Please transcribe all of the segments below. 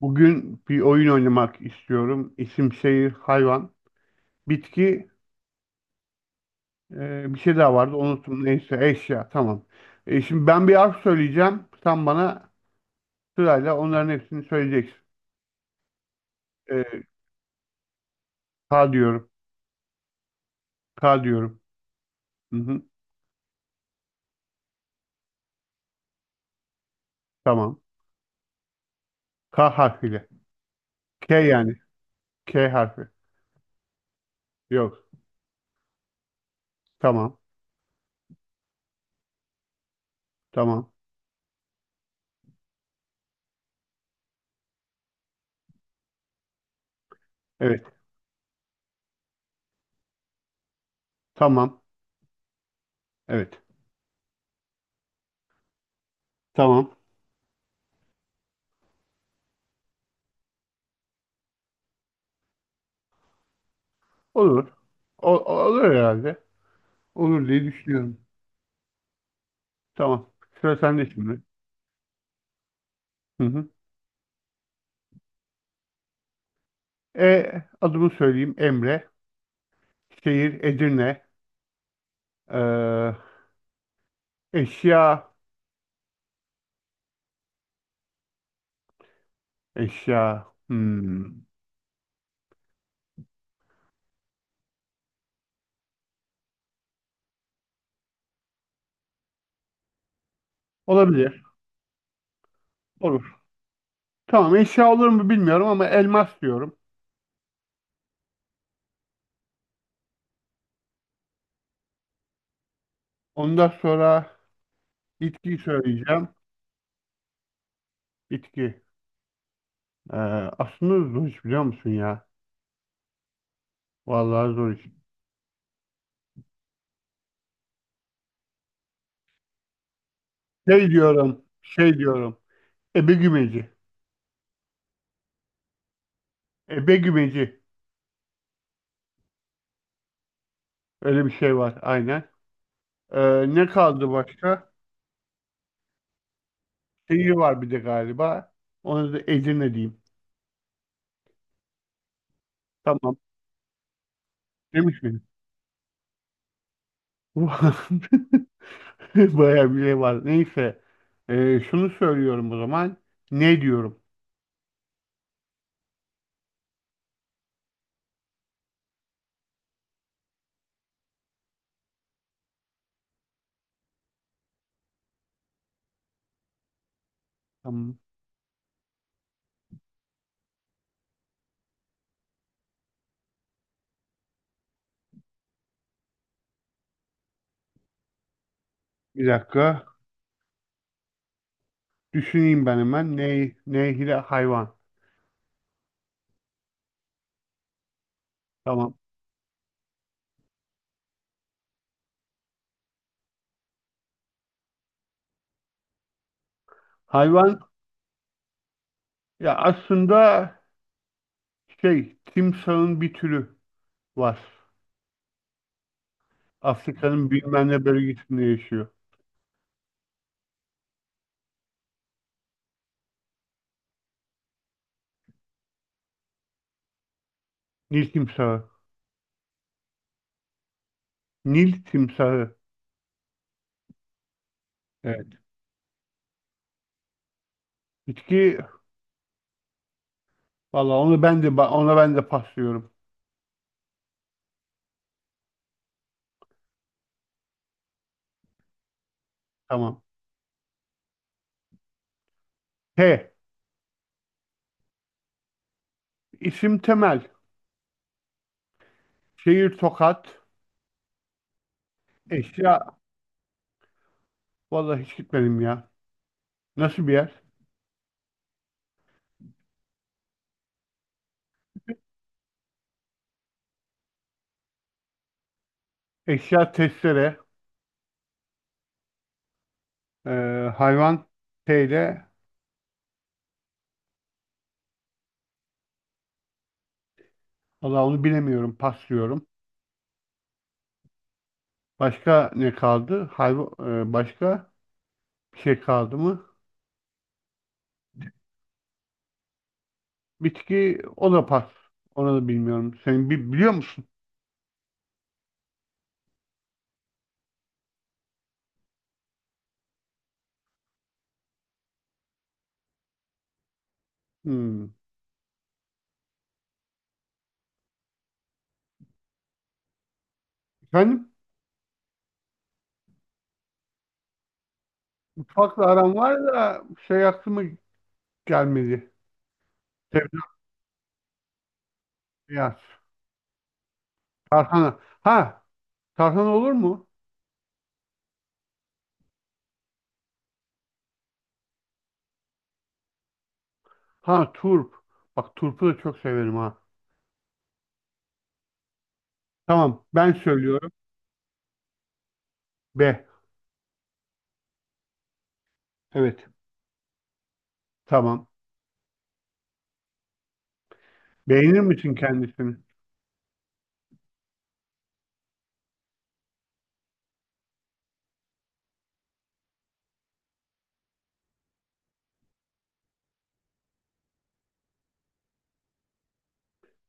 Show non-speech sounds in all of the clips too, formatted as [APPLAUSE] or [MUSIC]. Bugün bir oyun oynamak istiyorum. İsim, şehir, hayvan, bitki, bir şey daha vardı. Unuttum. Neyse eşya. Tamam. Şimdi ben bir harf söyleyeceğim. Sen bana sırayla onların hepsini söyleyeceksin. E, K diyorum. K diyorum. Hı hı. Tamam. K harfiyle. K yani. K harfi. Yok. Tamam. Tamam. Evet. Tamam. Evet. Tamam. Olur. Olur herhalde. Olur diye düşünüyorum. Tamam. Sıra sende şimdi. Hı hı. E, Adımı söyleyeyim Emre. Şehir Edirne. Ee, Eşya. Eşya. Hmm. Olabilir. Olur. Tamam, eşya olur mu bilmiyorum ama elmas diyorum. Ondan sonra bitkiyi söyleyeceğim. Bitki. Ee, Aslında zor iş biliyor musun ya? Vallahi zor iş. Şey diyorum. Ebegümeci. Ebegümeci. Öyle bir şey var aynen. Ne kaldı başka? Şehir var bir de galiba. Onu da Edirne diyeyim. Tamam. Demiş miyim? [LAUGHS] Bayağı bir şey var. Neyse. Şunu söylüyorum o zaman. Ne diyorum? Tamam. Bir dakika. Düşüneyim ben hemen. Nehire hayvan. Tamam. Hayvan, ya aslında şey timsahın bir türü var. Afrika'nın bilmem ne bölgesinde yaşıyor. Nil timsahı. Nil timsahı. Evet. Bitki, valla onu ben de paslıyorum. Tamam. T. İsim Temel. Şehir Tokat. Eşya, vallahi hiç gitmedim ya. Nasıl bir yer? Eşya testere, e, hayvan şeyle, valla onu bilemiyorum, paslıyorum. Başka ne kaldı? Hayvan, başka bir şey kaldı mı? Bitki, o da pas. Onu da bilmiyorum. Sen biliyor musun? Hmm. Efendim? Mutfakla aram var da şey aklıma gelmedi. Sebze beyaz. Tarhana. Ha, tarhana olur mu? Ha, turp. Bak turpu da çok severim ha. Tamam, ben söylüyorum. B. Evet. Tamam. Beğenir misin kendisini?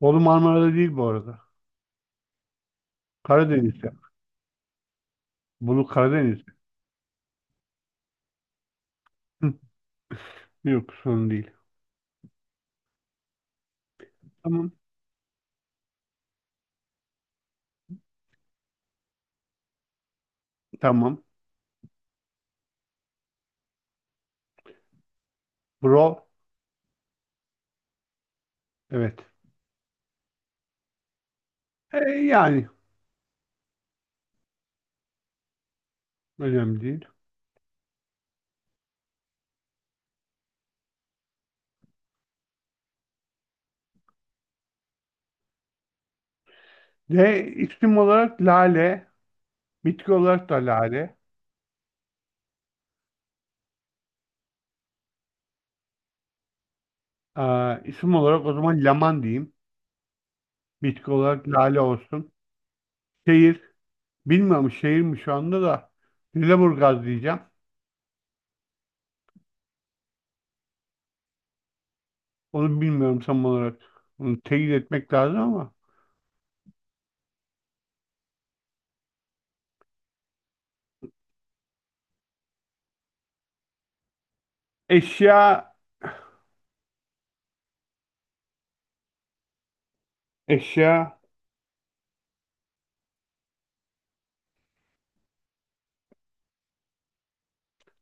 Bolu Marmara'da değil bu arada. Karadeniz'de. Bolu Karadeniz'de. Hı, yok sorun değil. Tamam. Tamam. Bro. Evet. Yani önemli değil. D. isim olarak lale. Bitki olarak da lale. Aa, isim olarak o zaman laman diyeyim. Bitki olarak lale olsun. Şehir. Bilmiyorum şehir mi şu anda da. Lüleburgaz diyeceğim. Onu bilmiyorum tam olarak. Onu teyit etmek lazım ama. Eşya Eşya,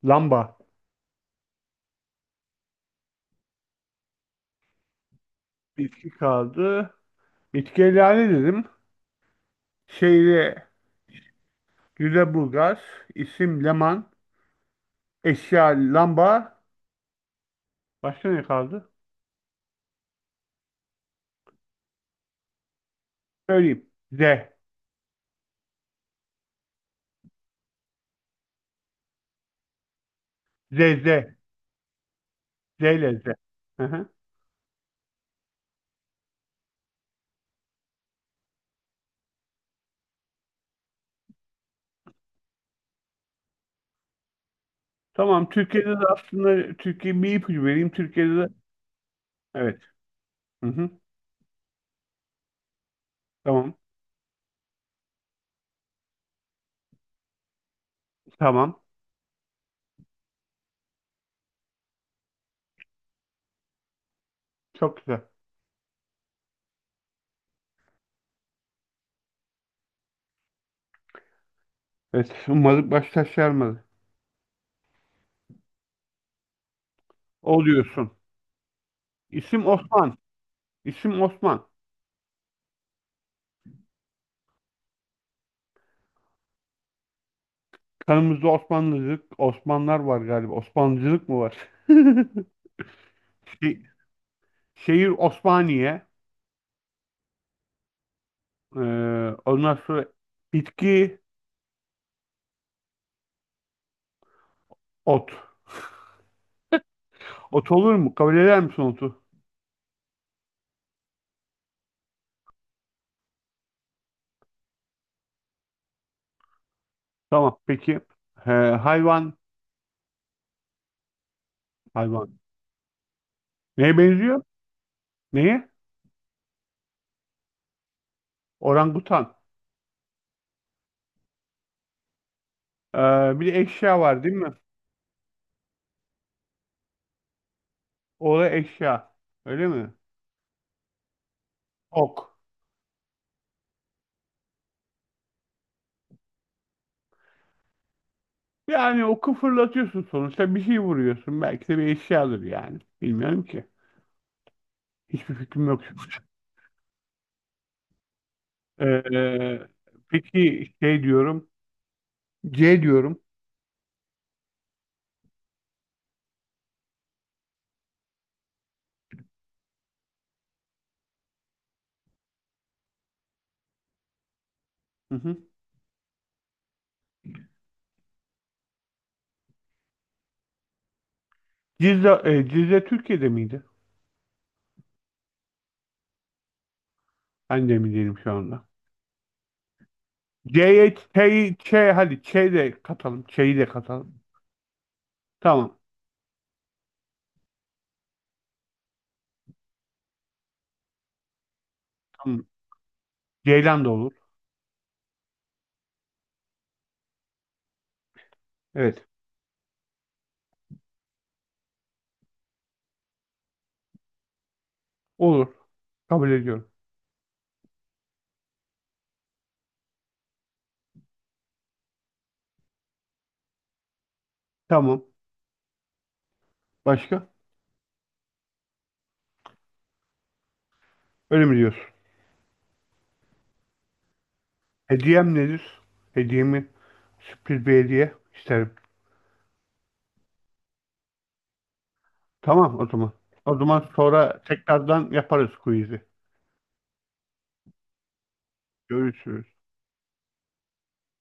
lamba, bitki kaldı. Bitkileri dedim. Şehri Lüleburgaz, isim Leman, eşya lamba. Başka ne kaldı? Söyleyeyim. Z, Z, Z ile Z. Hı hı. Tamam, Türkiye'de de, aslında Türkiye bir ipucu vereyim. Türkiye'de de evet. Hı hı. Tamam, tamam. Çok güzel. Evet, umarım baş taşlarmadı. Oluyorsun. İsim Osman. İsim Osman. Kanımızda Osmanlıcılık, Osmanlar var galiba. Osmanlıcılık mı var? [LAUGHS] Şey- Şehir Osmaniye. Ee, Ondan sonra bitki ot. Ot olur mu? Kabul eder misin otu? Tamam peki. Hayvan. Hayvan. Neye benziyor? Neye? Orangutan. Ee, Bir de eşya var değil mi? O da eşya. Öyle mi? Ok. Yani oku fırlatıyorsun, sonuçta bir şey vuruyorsun. Belki de bir eşyadır yani. Bilmiyorum ki. Hiçbir fikrim yok. Ee, peki şey diyorum. C diyorum. Hı hı. Cizre, Cizre Türkiye'de miydi? Ben de mi değilim şu anda. C'ye Ç'yi, Ç hadi Ç'yi de katalım. Ç'yi de katalım. Tamam. Tamam. Ceylan da olur. Evet. Olur. Kabul ediyorum. Tamam. Başka? Öyle mi diyorsun? Hediyem nedir? Hediyemi sürpriz bir hediye isterim. Tamam o zaman. O zaman sonra tekrardan yaparız quiz'i. Görüşürüz.